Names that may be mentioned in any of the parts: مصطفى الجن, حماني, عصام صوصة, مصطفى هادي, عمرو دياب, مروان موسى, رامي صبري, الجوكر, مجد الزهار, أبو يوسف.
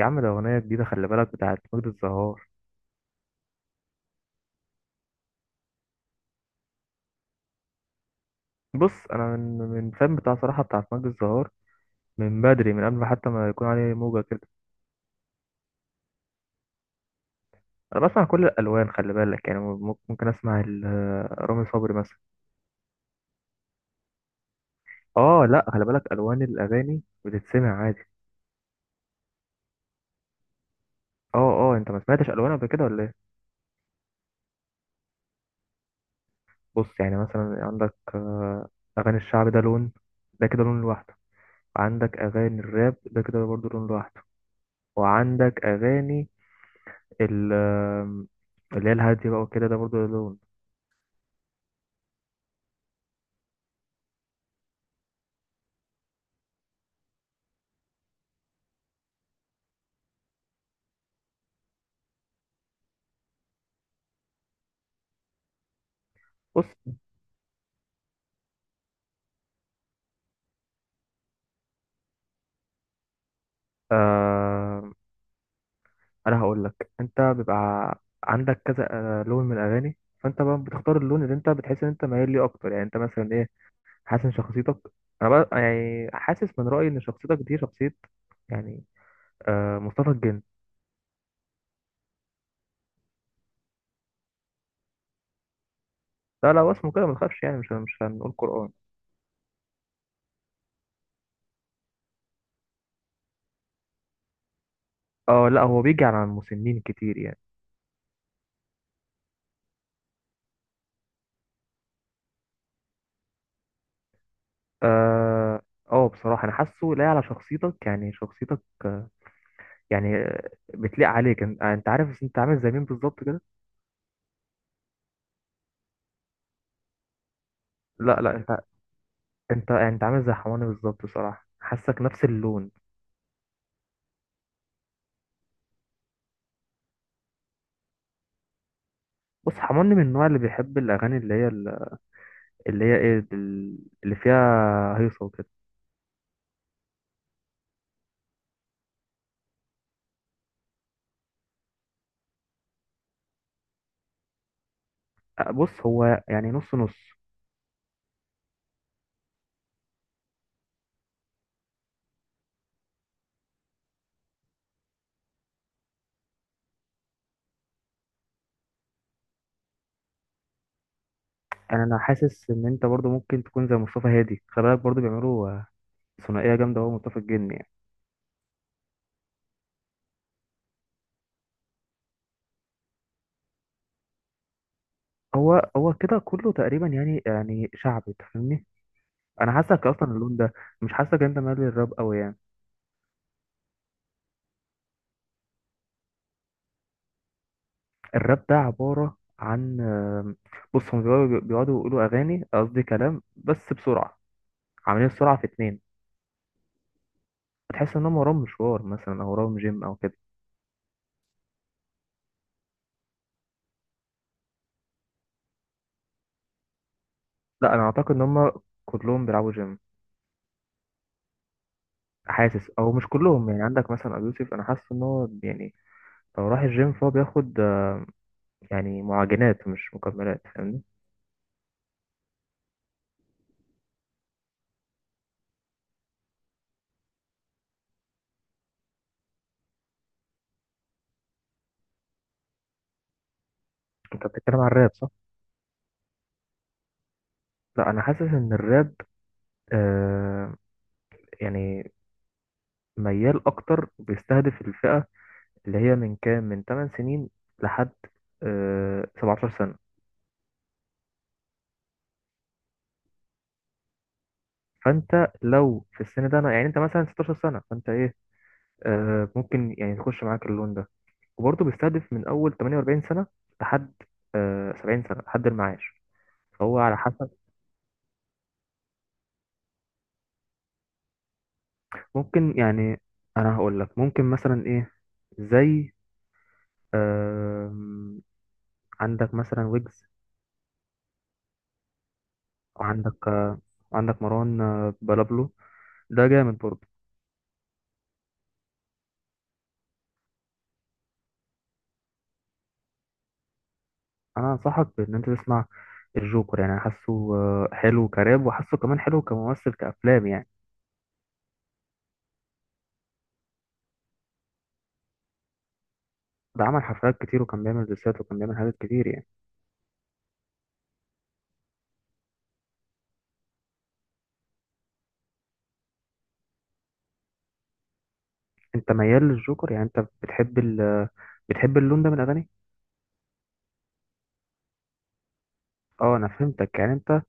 يا عم ده أغنية جديدة، خلي بالك بتاعت مجد الزهار. بص أنا من فان بتاع، صراحة بتاعت مجد الزهار من بدري، من قبل ما حتى ما يكون عليه موجة كده. أنا بسمع كل الألوان خلي بالك، يعني ممكن أسمع رامي صبري مثلا. آه لأ خلي بالك، ألوان الأغاني بتتسمع عادي. آه. آه أنت ما سمعتش ألوان قبل كده ولا إيه؟ بص يعني مثلا عندك، أغاني الشعب ده لون، ده كده لون لوحده. وعندك أغاني الراب ده كده برضه لون لوحده. وعندك أغاني ال- آم، اللي هي الهادي بقى وكده، ده برضه له لون. بص، آه، انا هقول لك انت بيبقى عندك كذا لون من الاغاني، فانت بقى بتختار اللون اللي انت بتحس ان انت مايل ليه اكتر. يعني انت مثلا ايه حاسس ان شخصيتك؟ انا بقى يعني حاسس من رايي ان شخصيتك دي شخصيه، يعني، آه، مصطفى الجن. لا لا هو اسمه كده ما تخافش، يعني مش هنقول قران. اه لا هو بيجي على المسنين كتير يعني. اه. اه بصراحه انا حاسه لاقي على شخصيتك، يعني شخصيتك، يعني، بتليق عليك. انت انت عارف انت عامل زي مين بالظبط كده؟ لا لا انت، انت عامل زي حماني بالظبط، بصراحه حاسك نفس اللون. بص حماني من النوع اللي بيحب الاغاني اللي هي، اللي هي ايه دل- اللي فيها هيصه وكده. بص هو يعني نص نص. انا حاسس ان انت برضو ممكن تكون زي مصطفى هادي، خلي بالك برضو بيعملوا، آه، ثنائيه جامده هو مصطفى الجن يعني. هو كده كله تقريبا، يعني يعني شعبي تفهمني، انا حاسك اصلا اللون ده. مش حاسك انت مالي الراب قوي يعني؟ الراب ده عبارة عن، آم، بص هم بيقعدوا يقولوا أغاني، قصدي كلام، بس بسرعة، عاملين السرعة في اتنين. هتحس إن هم وراهم مشوار مثلا، أو وراهم جيم أو كده. لا أنا أعتقد إن هم كلهم بيلعبوا جيم. حاسس، أو مش كلهم يعني، عندك مثلا أبو يوسف، أنا حاسس إن هو يعني لو راح الجيم فهو بياخد، آه، يعني معجنات مش مكملات فاهمني. أنت بتتكلم عن الراب صح؟ لا أنا حاسس إن الراب، آه، يعني ميال أكتر، بيستهدف الفئة اللي هي من كام، من 8 سنين لحد، آه، 17 سنة. فانت لو في السن ده، انا يعني انت مثلا 16 سنة، فانت ايه، آه، ممكن يعني تخش معاك اللون ده. وبرضه بيستهدف من اول 48 سنة لحد، آه، 70 سنة لحد المعاش. فهو على حسب. ممكن يعني، انا هقول لك ممكن مثلا ايه، زي، آم، عندك مثلا ويجز. وعندك، وعندك مروان، آه، بلابلو، ده جامد برضه. انا انصحك بان انت تسمع الجوكر، يعني أنا حاسه، آه، حلو كراب وحاسه كمان حلو كممثل كافلام يعني. ده عمل حفلات كتير وكان بيعمل ديسات وكان بيعمل حاجات كتير يعني. انت ميال للجوكر يعني، انت بتحب ال، بتحب اللون ده من الاغاني. اه انا فهمتك. يعني انت،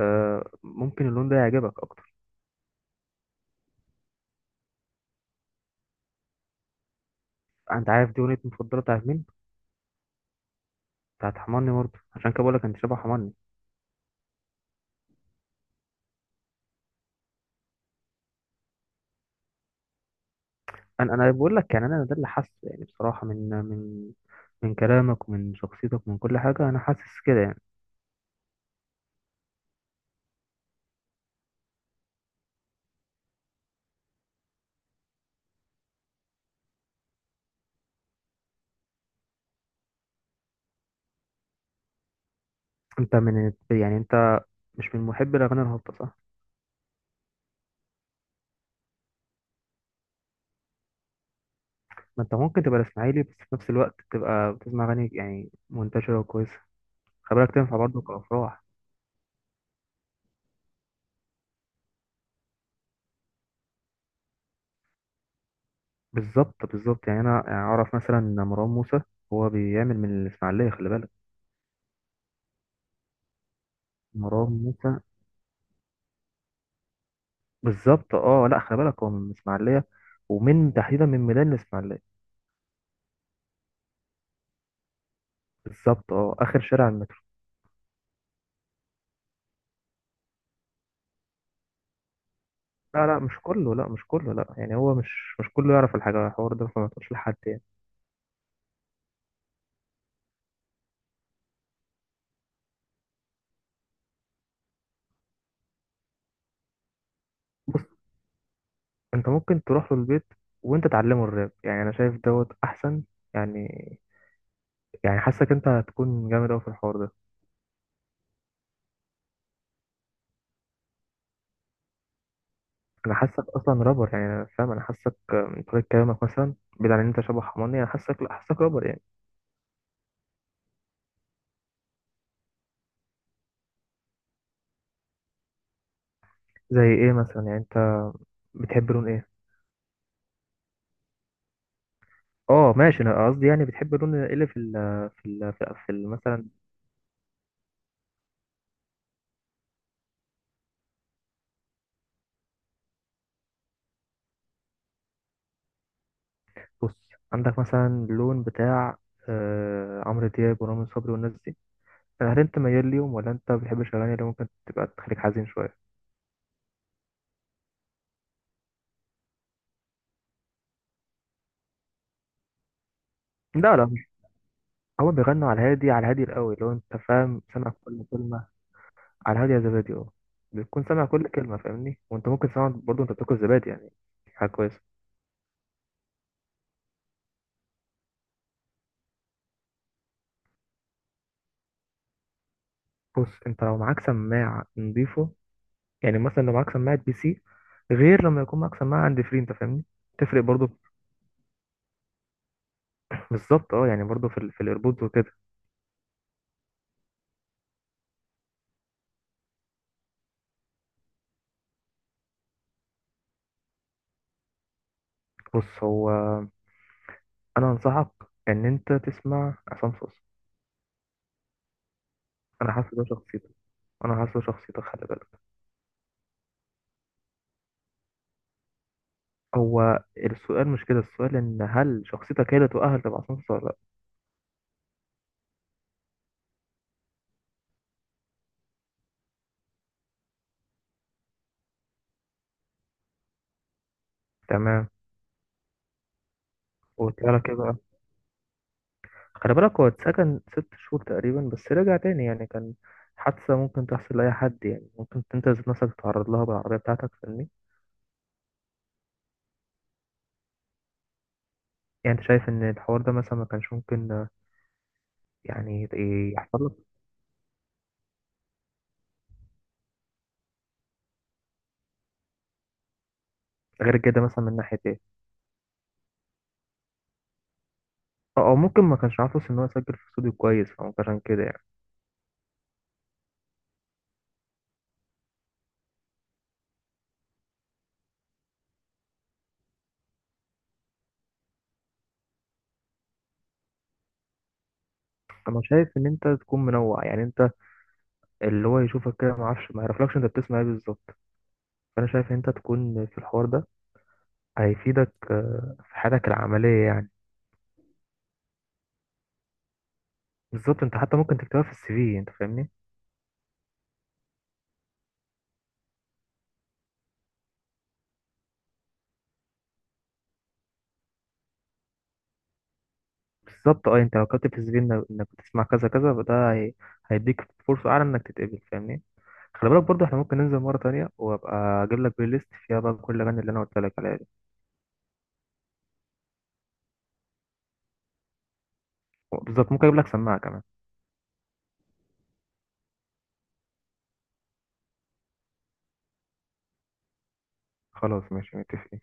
آه، ممكن اللون ده يعجبك اكتر. انت عارف دي اغنيه مفضله بتاعت مين؟ بتاعت حماني برضه، عشان كده بقول لك انت شبه حماني. انا بقول لك يعني انا ده اللي حاسه، يعني بصراحه من من كلامك ومن شخصيتك ومن كل حاجه انا حاسس كده يعني. انت من، يعني انت مش من محبي الأغاني الهابطة صح؟ ما أنت ممكن تبقى الإسماعيلي بس في نفس الوقت تبقى بتسمع أغاني يعني منتشرة وكويسة، خلي بالك تنفع برضه كأفراح. بالظبط بالظبط، يعني أنا يعني أعرف مثلا إن مروان موسى هو بيعمل من الإسماعيلية، خلي بالك. مروان موسى بالظبط، أه لأ خلي بالك هو من الإسماعيلية، ومن تحديدا من ميدان الإسماعيلية. بالظبط، أه آخر شارع المترو. لا لا مش كله، لا مش كله لا، يعني هو مش كله يعرف الحاجة، الحوار ده فما تقولش لحد يعني. بص، انت ممكن تروح له البيت وانت تعلمه الراب، يعني انا شايف دوت احسن، يعني يعني حاسك انت هتكون جامد قوي في الحوار ده. انا حاسك اصلا رابر يعني، انا فاهم، انا حاسك من طريقه كلامك مثلا، بعيد عن ان انت شبه حماني، انا حاسك لا حاسك رابر يعني. زي ايه مثلا؟ يعني انت بتحب لون ايه؟ اه ماشي، انا قصدي يعني بتحب لون ايه اللي في مثلا. بص عندك مثلا اللون بتاع، آه، عمرو دياب ورامي صبري والناس دي. هل انت ميال ليهم ولا انت بتحب الاغاني اللي ممكن تبقى تخليك حزين شويه؟ لا لا، هو بيغنوا على الهادي، على الهادي القوي لو انت فاهم سامع كل كلمة. على الهادي يا زبادي اه. بتكون سامع كل كلمة فاهمني، وانت ممكن تسمع برضه انت بتاكل زبادي يعني، حاجة كويسة. بص انت لو معاك سماعة نضيفه، يعني مثلا لو معاك سماعة بي سي، غير لما يكون معاك سماعة عند فري انت فاهمني، تفرق برضه. بالظبط اه، يعني برضه في ال، في الايربودز وكده. بص هو، انا انصحك ان انت تسمع عصام صوصة، انا حاسس ده شخصيته، انا حاسس ده شخصيته خلي بالك. هو السؤال مش كده، السؤال ان هل شخصيتك هي اللي تؤهل تبقى سمسار ولا لا. تمام، وقلت لك ايه بقى؟ خلي بالك هو اتسجن ست شهور تقريبا بس رجع تاني، يعني كان حادثة ممكن تحصل لأي حد يعني، ممكن انت ذات نفسك تتعرض لها بالعربية بتاعتك فاهمني. يعني انت شايف ان الحوار ده مثلا ما كانش ممكن، يعني يت- يحصل لك؟ غير كده مثلا من ناحية ايه؟ او أو ممكن ما كانش عارف أصلاً ان هو يسجل في استوديو كويس، فممكن عشان كده يعني. انا شايف ان انت تكون منوع، يعني انت اللي هو يشوفك كده ما اعرفش ما يعرفلكش انت بتسمع ايه بالظبط، فانا شايف ان انت تكون في الحوار ده هيفيدك، آه، في حياتك العمليه يعني. بالظبط، انت حتى ممكن تكتبها في الـ CV انت فاهمني. بالظبط اه، انت لو كتبت في الـ CV انك إنك بتسمع كذا كذا فده هي... هيديك فرصه اعلى انك تتقبل فاهمني. خلي بالك برضو احنا ممكن ننزل مره تانية وابقى اجيب لك بلاي ليست فيها بقى كل الاغاني اللي انا قلت لك عليها دي. بالظبط، ممكن اجيب لك سماعه كمان. خلاص ماشي، متفقين.